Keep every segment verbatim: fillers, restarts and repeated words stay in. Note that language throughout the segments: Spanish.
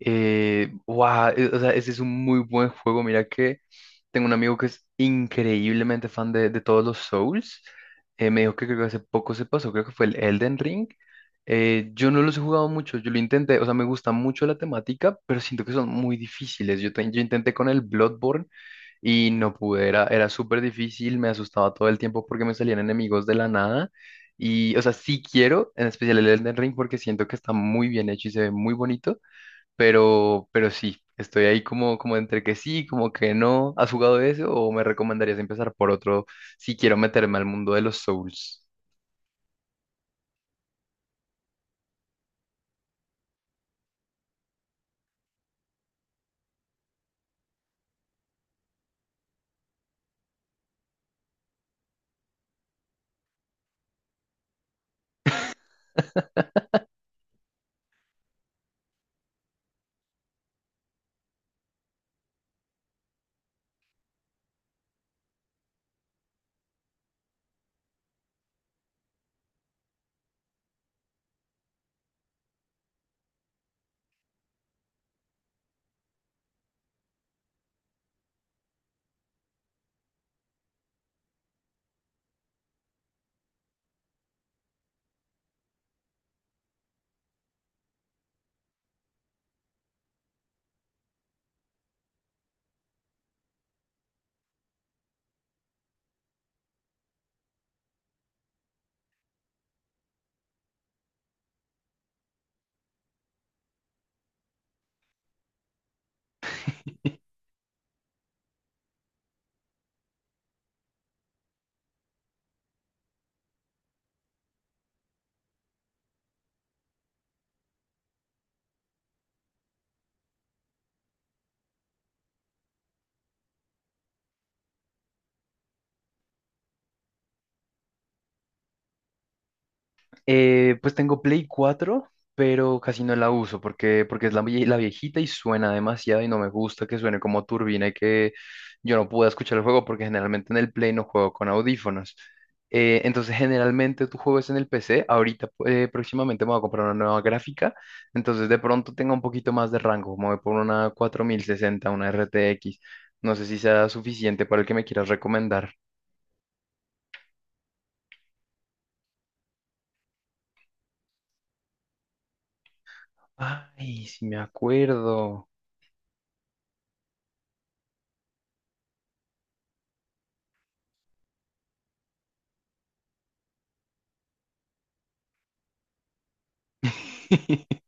Eh, wow, o sea, ese es un muy buen juego. Mira que tengo un amigo que es increíblemente fan de, de todos los Souls. Eh, me dijo que creo que hace poco se pasó, creo que fue el Elden Ring. Eh, yo no los he jugado mucho, yo lo intenté, o sea, me gusta mucho la temática, pero siento que son muy difíciles. Yo, te- yo intenté con el Bloodborne y no pude, era, era súper difícil, me asustaba todo el tiempo porque me salían enemigos de la nada. Y, o sea, sí quiero, en especial el Elden Ring, porque siento que está muy bien hecho y se ve muy bonito, pero, pero sí, estoy ahí como, como entre que sí, como que no. ¿Has jugado eso o me recomendarías empezar por otro si quiero meterme al mundo de los Souls? Eh, pues tengo Play cuatro, pero casi no la uso porque, porque es la, vie- la viejita y suena demasiado y no me gusta que suene como turbina y que yo no pueda escuchar el juego porque generalmente en el Play no juego con audífonos. Eh, entonces generalmente tú juegas en el P C, ahorita eh, próximamente me voy a comprar una nueva gráfica, entonces de pronto tenga un poquito más de rango, me voy por una cuatro mil sesenta, una R T X, no sé si sea suficiente para el que me quieras recomendar. Ay, si me acuerdo.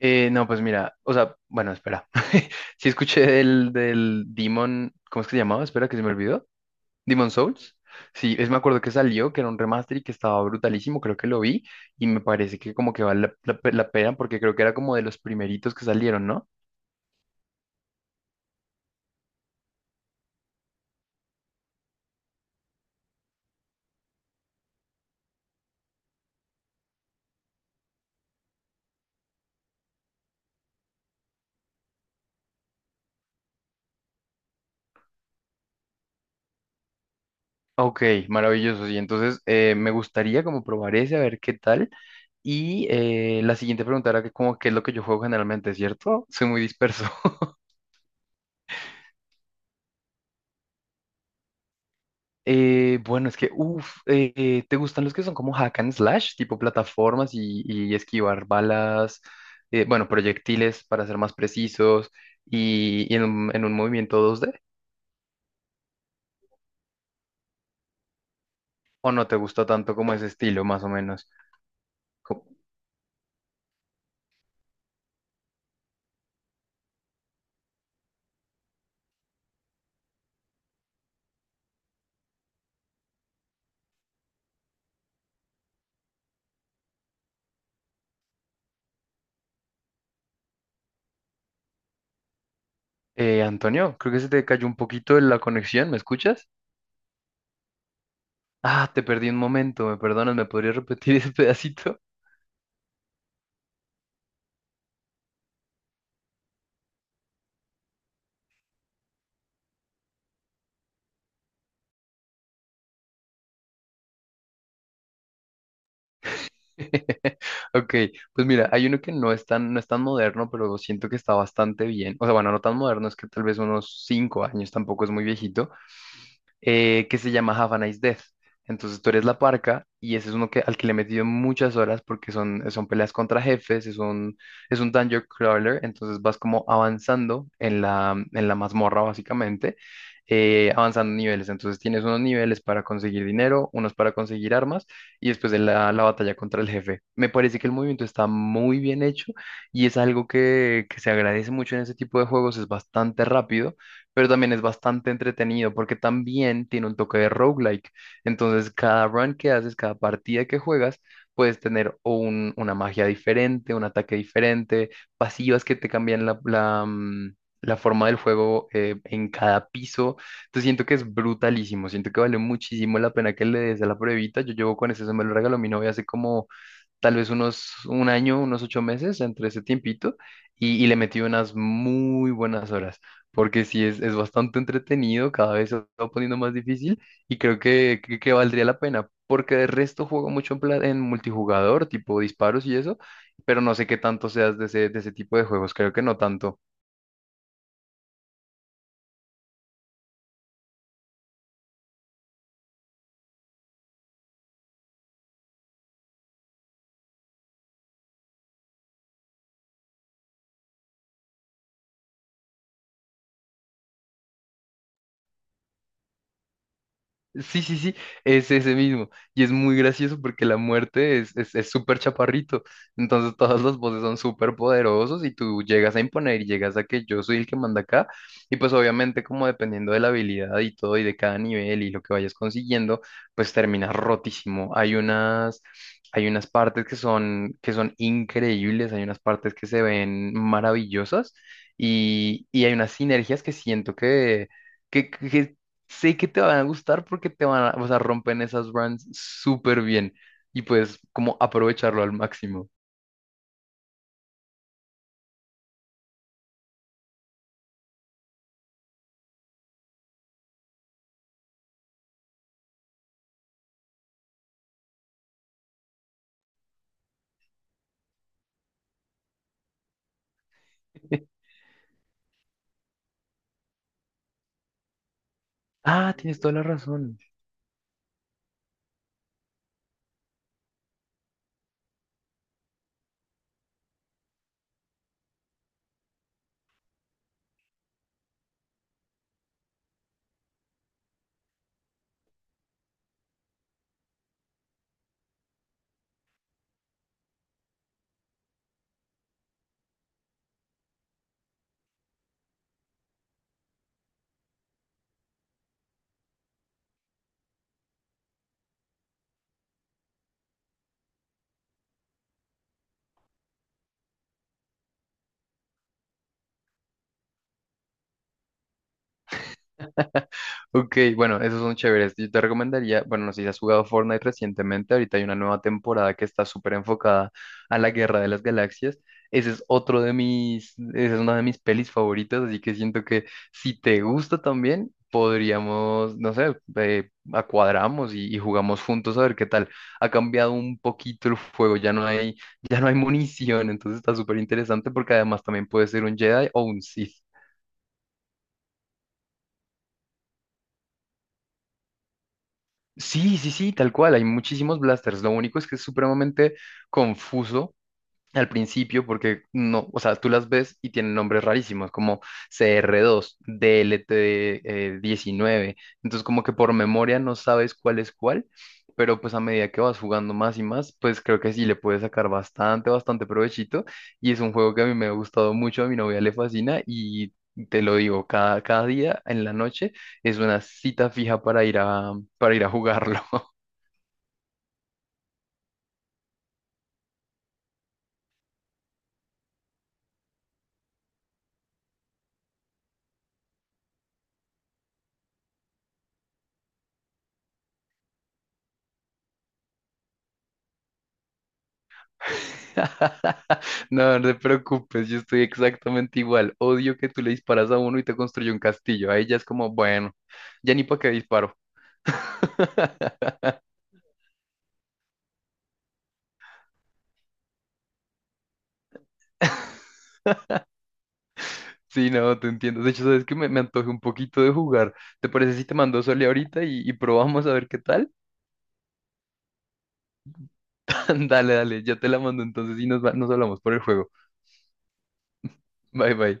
Eh, no, pues mira, o sea, bueno, espera. Sí escuché del, del Demon, ¿cómo es que se llamaba? Espera, que se me olvidó. Demon Souls. Sí, es, me acuerdo que salió, que era un remaster y que estaba brutalísimo, creo que lo vi y me parece que como que vale la, la pe- la pena porque creo que era como de los primeritos que salieron, ¿no? Ok, maravilloso. Sí, entonces eh, me gustaría como probar ese, a ver qué tal. Y eh, la siguiente pregunta era que como qué es lo que yo juego generalmente, ¿cierto? Soy muy disperso. Eh, bueno, es que, uff, ¿te gustan los que son como hack and slash, tipo plataformas y, y esquivar balas, eh, bueno, proyectiles para ser más precisos y, y en un, en un movimiento dos D? ¿O no te gusta tanto como ese estilo, más o menos? Co- Eh, Antonio, creo que se te cayó un poquito la conexión, ¿me escuchas? Ah, te perdí un momento, ¿me perdonas? ¿Me podrías repetir ese pedacito? Ok, pues mira, hay uno que no es tan, no es tan moderno, pero siento que está bastante bien. O sea, bueno, no tan moderno, es que tal vez unos cinco años tampoco es muy viejito, eh, que se llama Have a Nice Death. Entonces tú eres la parca y ese es uno que, al que le he metido muchas horas porque son, son peleas contra jefes, es un, es un dungeon crawler, entonces vas como avanzando en la, en la mazmorra básicamente, eh, avanzando niveles. Entonces tienes unos niveles para conseguir dinero, unos para conseguir armas y después de la, la batalla contra el jefe. Me parece que el movimiento está muy bien hecho y es algo que, que se agradece mucho en ese tipo de juegos, es bastante rápido pero también es bastante entretenido porque también tiene un toque de roguelike. Entonces, cada run que haces, cada partida que juegas, puedes tener o un- una magia diferente, un ataque diferente, pasivas que te cambian la, la, mm, la forma del juego eh, en cada piso. Entonces, siento que es brutalísimo, siento que vale muchísimo la pena que le des a la pruebita. Yo llevo con ese, se me lo regaló mi novia hace como tal vez unos un año, unos ocho meses entre ese tiempito, y, y le metí unas muy buenas horas, porque sí es, es bastante entretenido, cada vez se va poniendo más difícil y creo que, que, que valdría la pena, porque de resto juego mucho en, pla- en multijugador, tipo disparos y eso, pero no sé qué tanto seas de ese, de ese tipo de juegos, creo que no tanto. Sí, sí, sí, es ese mismo. Y es muy gracioso porque la muerte es, es, es súper chaparrito. Entonces todas las voces son súper poderosos y tú llegas a imponer y llegas a que yo soy el que manda acá. Y pues obviamente como dependiendo de la habilidad y todo y de cada nivel y lo que vayas consiguiendo, pues terminas rotísimo. Hay unas, hay unas partes que son, que son increíbles, hay unas partes que se ven maravillosas y, y hay unas sinergias que siento que que, que sé que te van a gustar porque te van a, o sea, rompen esas brands súper bien y pues como aprovecharlo al máximo. Ah, tienes toda la razón. Ok, bueno, esos son chéveres. Yo te recomendaría, bueno, no sé si has jugado Fortnite recientemente, ahorita hay una nueva temporada que está súper enfocada a la Guerra de las Galaxias. Ese es otro de mis, esa es una de mis pelis favoritas, así que siento que si te gusta también, podríamos, no sé, eh, acuadramos y, y jugamos juntos a ver qué tal. Ha cambiado un poquito el juego, ya no hay, ya no hay munición, entonces está súper interesante porque además también puede ser un Jedi o un Sith. Sí, sí, sí, tal cual, hay muchísimos blasters. Lo único es que es supremamente confuso al principio porque no, o sea, tú las ves y tienen nombres rarísimos como C R dos, D L T diecinueve, entonces como que por memoria no sabes cuál es cuál, pero pues a medida que vas jugando más y más, pues creo que sí le puedes sacar bastante, bastante provechito y es un juego que a mí me ha gustado mucho, a mi novia le fascina y te lo digo, cada, cada día en la noche es una cita fija para ir a, para ir a, jugarlo. No, no te preocupes, yo estoy exactamente igual. Odio que tú le disparas a uno y te construye un castillo. Ahí ya es como, bueno, ya ni para qué disparo. Sí, no, te entiendo. De hecho, sabes que me, me antoje un poquito de jugar. ¿Te parece si te mando Sole ahorita y, y probamos a ver qué tal? Dale, dale, ya te la mando entonces y nos, va- nos hablamos por el juego. Bye, bye.